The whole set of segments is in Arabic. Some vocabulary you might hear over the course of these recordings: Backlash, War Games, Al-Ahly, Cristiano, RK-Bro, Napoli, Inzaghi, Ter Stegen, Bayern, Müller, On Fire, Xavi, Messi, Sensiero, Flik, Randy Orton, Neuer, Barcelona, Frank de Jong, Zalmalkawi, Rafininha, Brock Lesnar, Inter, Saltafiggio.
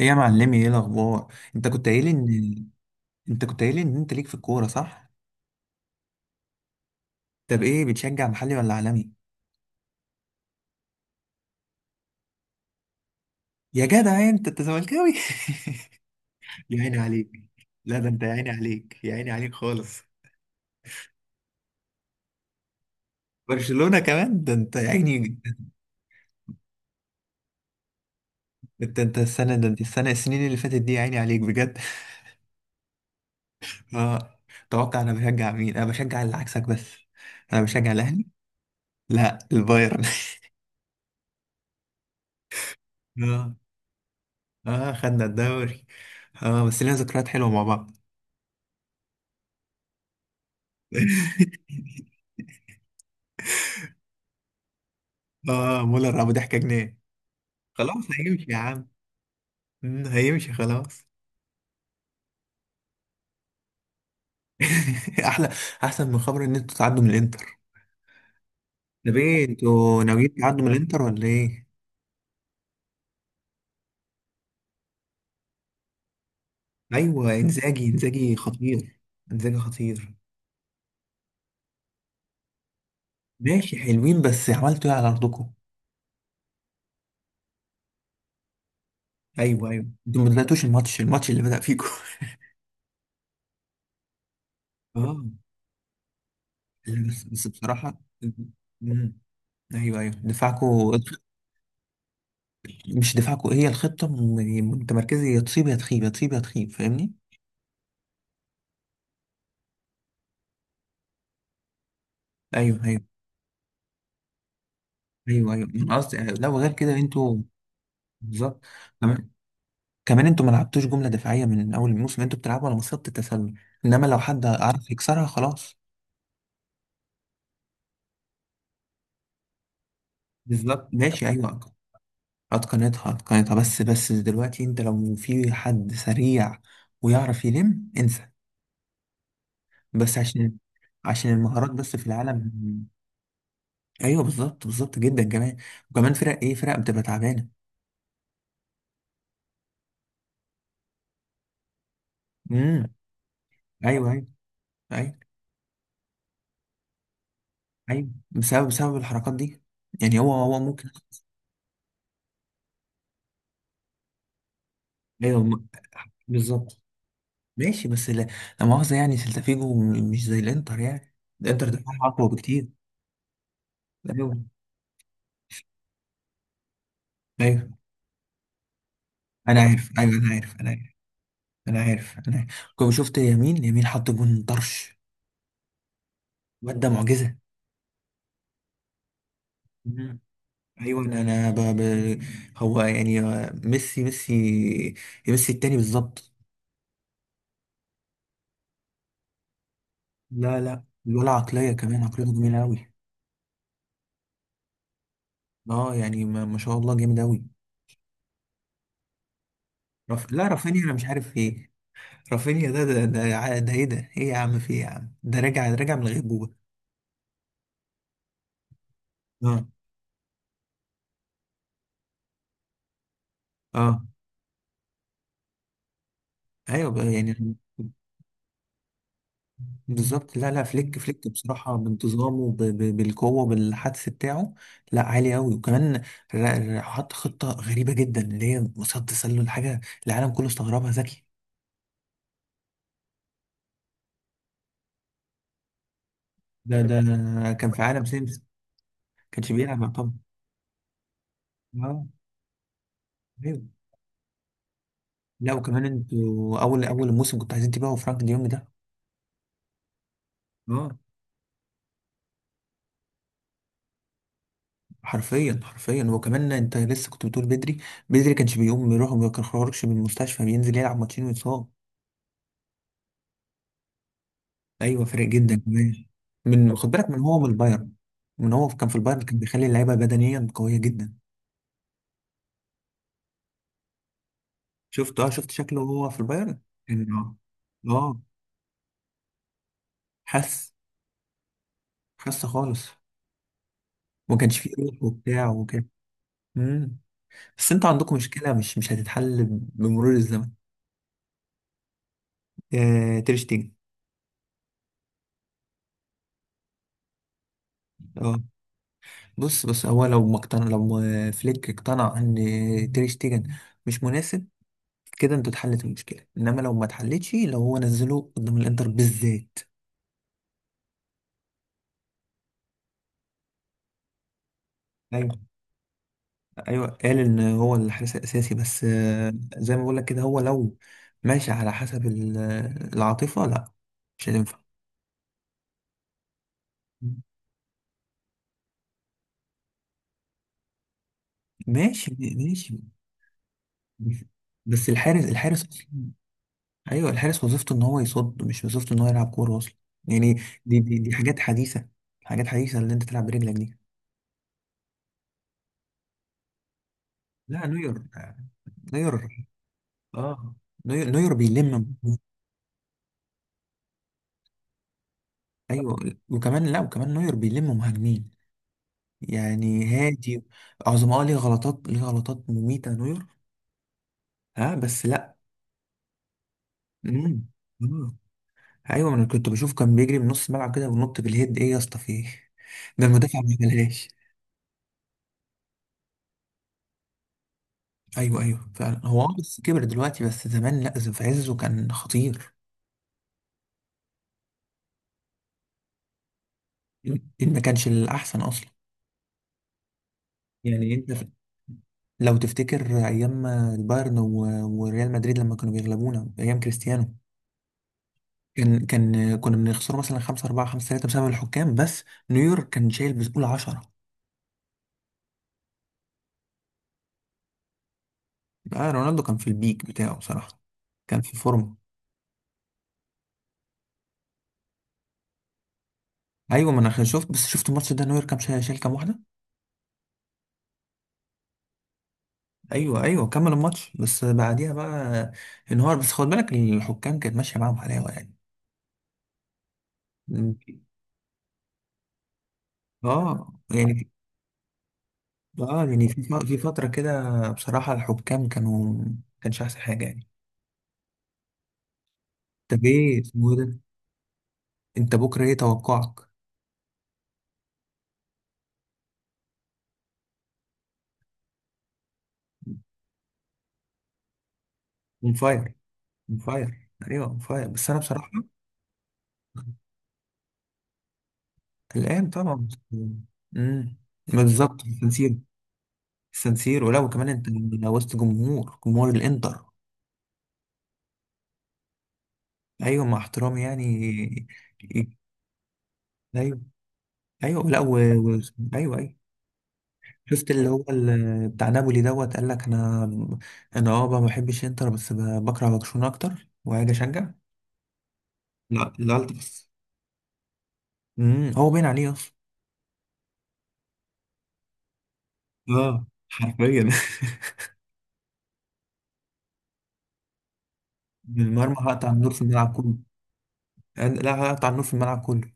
ايه يا معلمي ايه الاخبار انت كنت قايل ان انت كنت قايل ان انت ليك في الكوره، صح؟ طب ايه بتشجع، محلي ولا عالمي؟ يا جدع، انت زملكاوي؟ يا عيني عليك. لا، ده انت يا عيني عليك، يا عيني عليك خالص. برشلونه كمان، ده انت يا عيني. انت السنه ده، انت السنه السنين اللي فاتت دي، يا عيني عليك بجد. اه. توقع انا بشجع مين؟ انا بشجع اللي عكسك بس. انا بشجع الاهلي. لا، البايرن. اه، اه، خدنا الدوري. اه، بس لنا ذكريات حلوه مع بعض. اه، مولر ابو ضحكه جنيه. خلاص هيمشي يا عم. هيمشي خلاص. احلى. احسن من خبر ان انتوا تعدوا من الانتر. ده بيه، انتوا ناويين تعدوا من الانتر ولا ايه؟ ايوه، انزاجي انزاجي خطير. انزاجي خطير. ماشي، حلوين، بس عملتوا ايه على ارضكم؟ ايوه ايوه، انتوا ما بداتوش الماتش اللي بدأ فيكم. اه. بس بصراحه. مم. ايوه ايوه، دفاعكم. مش دفاعكم هي الخطه؟ يعني متمركزه، يا تصيب يا تخيب، يا تصيب يا تخيب، فاهمني؟ ايوه ايوه. ايوه ايوه، أنا قصدي. لا، وغير كده انتوا. بالظبط. كمان كمان انتوا ما لعبتوش جمله دفاعيه من اول الموسم، انتوا بتلعبوا على مصيده التسلل. انما لو حد عرف يكسرها خلاص. بالظبط. ماشي، ايوه. اتقنتها اتقنتها، بس دلوقتي انت لو في حد سريع ويعرف يلم، انسى. بس عشان المهارات بس في العالم. ايوه، بالظبط، بالظبط جدا. كمان وكمان فرق بتبقى تعبانه. امم. ايوه ايوه. ايوه ايوه، بسبب الحركات دي. يعني هو ممكن. ايوه. بالظبط. ماشي، بس لا. لا مؤاخذة، يعني سلتافيجو مش زي الانتر يعني. الانتر دفاعها اقوى بكتير. ايوه. ايوه، انا عارف. ايوه، انا عارف، انا عارف. انا عارف، انا عارف كنت شفت يمين يمين، حط جون طرش. الواد ده معجزة. مم. ايوه. انا أنا ب... ب... هو يعني، ميسي ميسي ميسي التاني، بالظبط. لا لا، ولا عقلية كمان، عقليته جميلة قوي. اه يعني ما شاء الله، جامد قوي. لا، رافينيا، انا مش عارف ايه. رافينيا ده، ايه ده؟ ايه يا عم، في ايه يا عم؟ ده راجع راجع من الغيبوبة. اه، اه. ايوه بقى يعني. بالظبط. لا لا، فليك، فليك بصراحة بانتظامه، بالقوة، بالحدس بتاعه. لا، عالي قوي. وكمان حط خطة غريبة جدا، اللي هي مصاد تسلل حاجة. العالم كله استغربها. ذكي. ده كان في عالم سيمس، ما كانش بيلعب طبعا. اه. ايوه. لا، وكمان انتوا اول اول الموسم كنتوا عايزين تبيعوا فرانك ديونج ده. اه، حرفيا حرفيا. وكمان انت لسه كنت بتقول بدري. بدري كانش بيقوم يروح، ما بيخرجش من المستشفى، بينزل يلعب ماتشين ويتصاب. ايوه، فرق جدا كمان. من خد بالك من هو من البايرن. من هو كان في البايرن كان بيخلي اللعيبه بدنيا قويه جدا. شفت شكله وهو في البايرن. كان. اه اه خس. خس خالص. وما كانش فيه روح وبتاع وكده. امم. بس انتوا عندكم مشكله، مش هتتحل بمرور الزمن. آه، تير شتيجن. بص، بس هو لو ما اقتنع، لو فليك اقتنع ان تير شتيجن مش مناسب، كده انت اتحلت المشكله. انما لو ما اتحلتش، لو هو نزله قدام الانتر بالذات. ايوه ايوه، قال ان هو الحارس الاساسي بس. زي ما بقول لك كده، هو لو ماشي على حسب العاطفه، لا، مش هتنفع. ماشي ماشي، بس الحارس اصلا. ايوه، الحارس وظيفته ان هو يصد، مش وظيفته ان هو يلعب كوره اصلا. يعني دي حاجات حديثه. حاجات حديثه اللي انت تلعب برجلك دي. لا، نوير. نوير، اه نوير، نوير بيلم. ايوه. وكمان، لا وكمان نوير بيلم مهاجمين يعني هادي. عظماء. اه ليه غلطات مميتة نوير. ها، بس لا. مم. مم. ايوه، ما انا كنت بشوف كان بيجري من نص الملعب كده وينط بالهيد. ايه يا اسطى، في ايه؟ ده المدافع ما بيعملهاش. ايوه ايوه، فعلا هو. بس كبر دلوقتي. بس زمان، لا، في عزه كان خطير. إن ما كانش الاحسن اصلا. يعني انت لو تفتكر ايام البايرن وريال مدريد لما كانوا بيغلبونا ايام كريستيانو، كان كنا بنخسروا مثلا 5-4 5-3 بسبب الحكام بس. نيويورك كان شايل بسهوله 10. آه، رونالدو كان في البيك بتاعه بصراحه، كان في فورمه. ايوه، ما انا شفت، بس شفت الماتش ده، نيويورك كان شايل، شايل كام واحده. ايوه ايوه، كمل الماتش، بس بعديها بقى انهار. بس خد بالك الحكام كانت ماشيه معاهم حلاوه يعني. اه يعني، اه يعني في في فترة كده بصراحة الحكام كانوا، كانش أحسن حاجة يعني. طب ايه اسمه، إيه ده؟ انت بكرة، ايه توقعك؟ اون فاير. اون فاير، ايوه، اون فاير، بس انا بصراحة. الآن طبعا. امم، بالظبط، السنسيرو ولو كمان انت، لو وسط جمهور الانتر. ايوه، مع احترامي يعني. ايوه ايوه، لا ايوه ايوه. شفت اللي هو بتاع نابولي دوت، قال لك انا. ما بحبش انتر، بس بكره برشلونة اكتر، وهاجي اشجع. لا لا، بس. هو باين عليه اصلا. اه، حرفيا. من المرمى هقطع النور في الملعب كله. لا، هقطع النور في الملعب كله.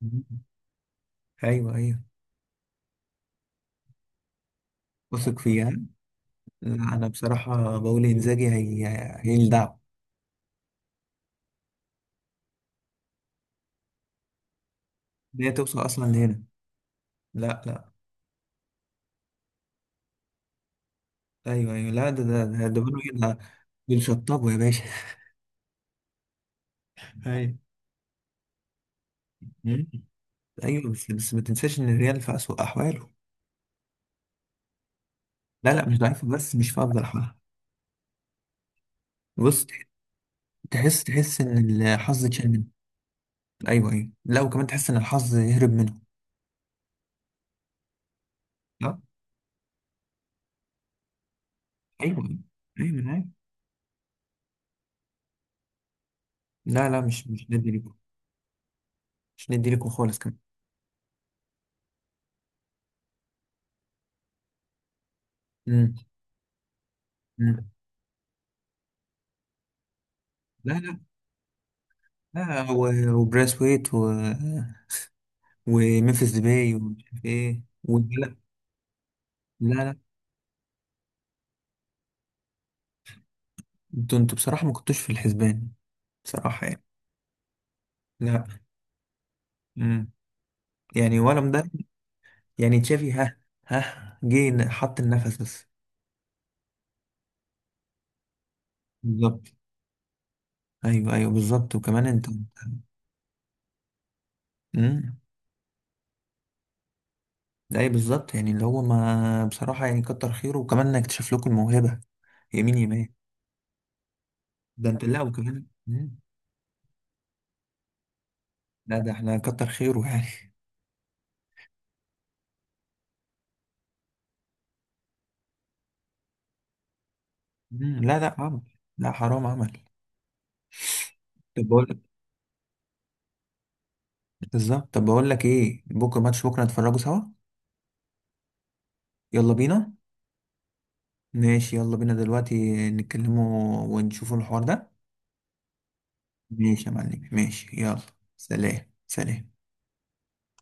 مم. ايوه ايوه. واثق فيها. لا، انا بصراحة بقول انزاجي، هي هي الدعم. ان هي توصل اصلا لهنا. لا لا. ايوه ايوه، لا ده بيقولوا إيه، ده بالشطابة يا باشا. ايوه ايوه، بس ما تنساش ان الريال في اسوأ احواله. لا لا، مش ضعيفه، بس مش في افضل حالها. بص، تحس ان الحظ اتشال منه. ايوه ايوه، لا وكمان تحس ان الحظ هرب منه. لا. ايوه ايوه، ايوه أنا عارف. لا لا، مش ندي لكم. مش ندي لكم خالص كمان. امم. أمم. لا لا. لا وبراسويت وممفيس ديباي ومش عارف ايه لا. لا لا، انتوا انتوا بصراحه ما كنتوش في الحسبان بصراحه يعني. لا. امم. يعني ولا مدرب. يعني تشافي. ها. ها، جه حط النفس بس. بالظبط. ايوه ايوه بالظبط. وكمان انت. امم. اي بالظبط. يعني اللي هو ما بصراحه يعني، كتر خيره. وكمان انك اكتشف لكم الموهبه. يمين يمين. ده انت. لا، وكمان. مم. لا، ده احنا كتر خيره يعني. مم. لا لا، عمل. لا حرام، عمل. طب بقول لك. بالظبط، طب بقول لك ايه: بكره ماتش، بكره نتفرجوا سوا. يلا بينا. ماشي، يلا بينا دلوقتي نتكلموا ونشوفوا الحوار ده. ماشي يا معلم، ماشي، يلا. سلام. سلام.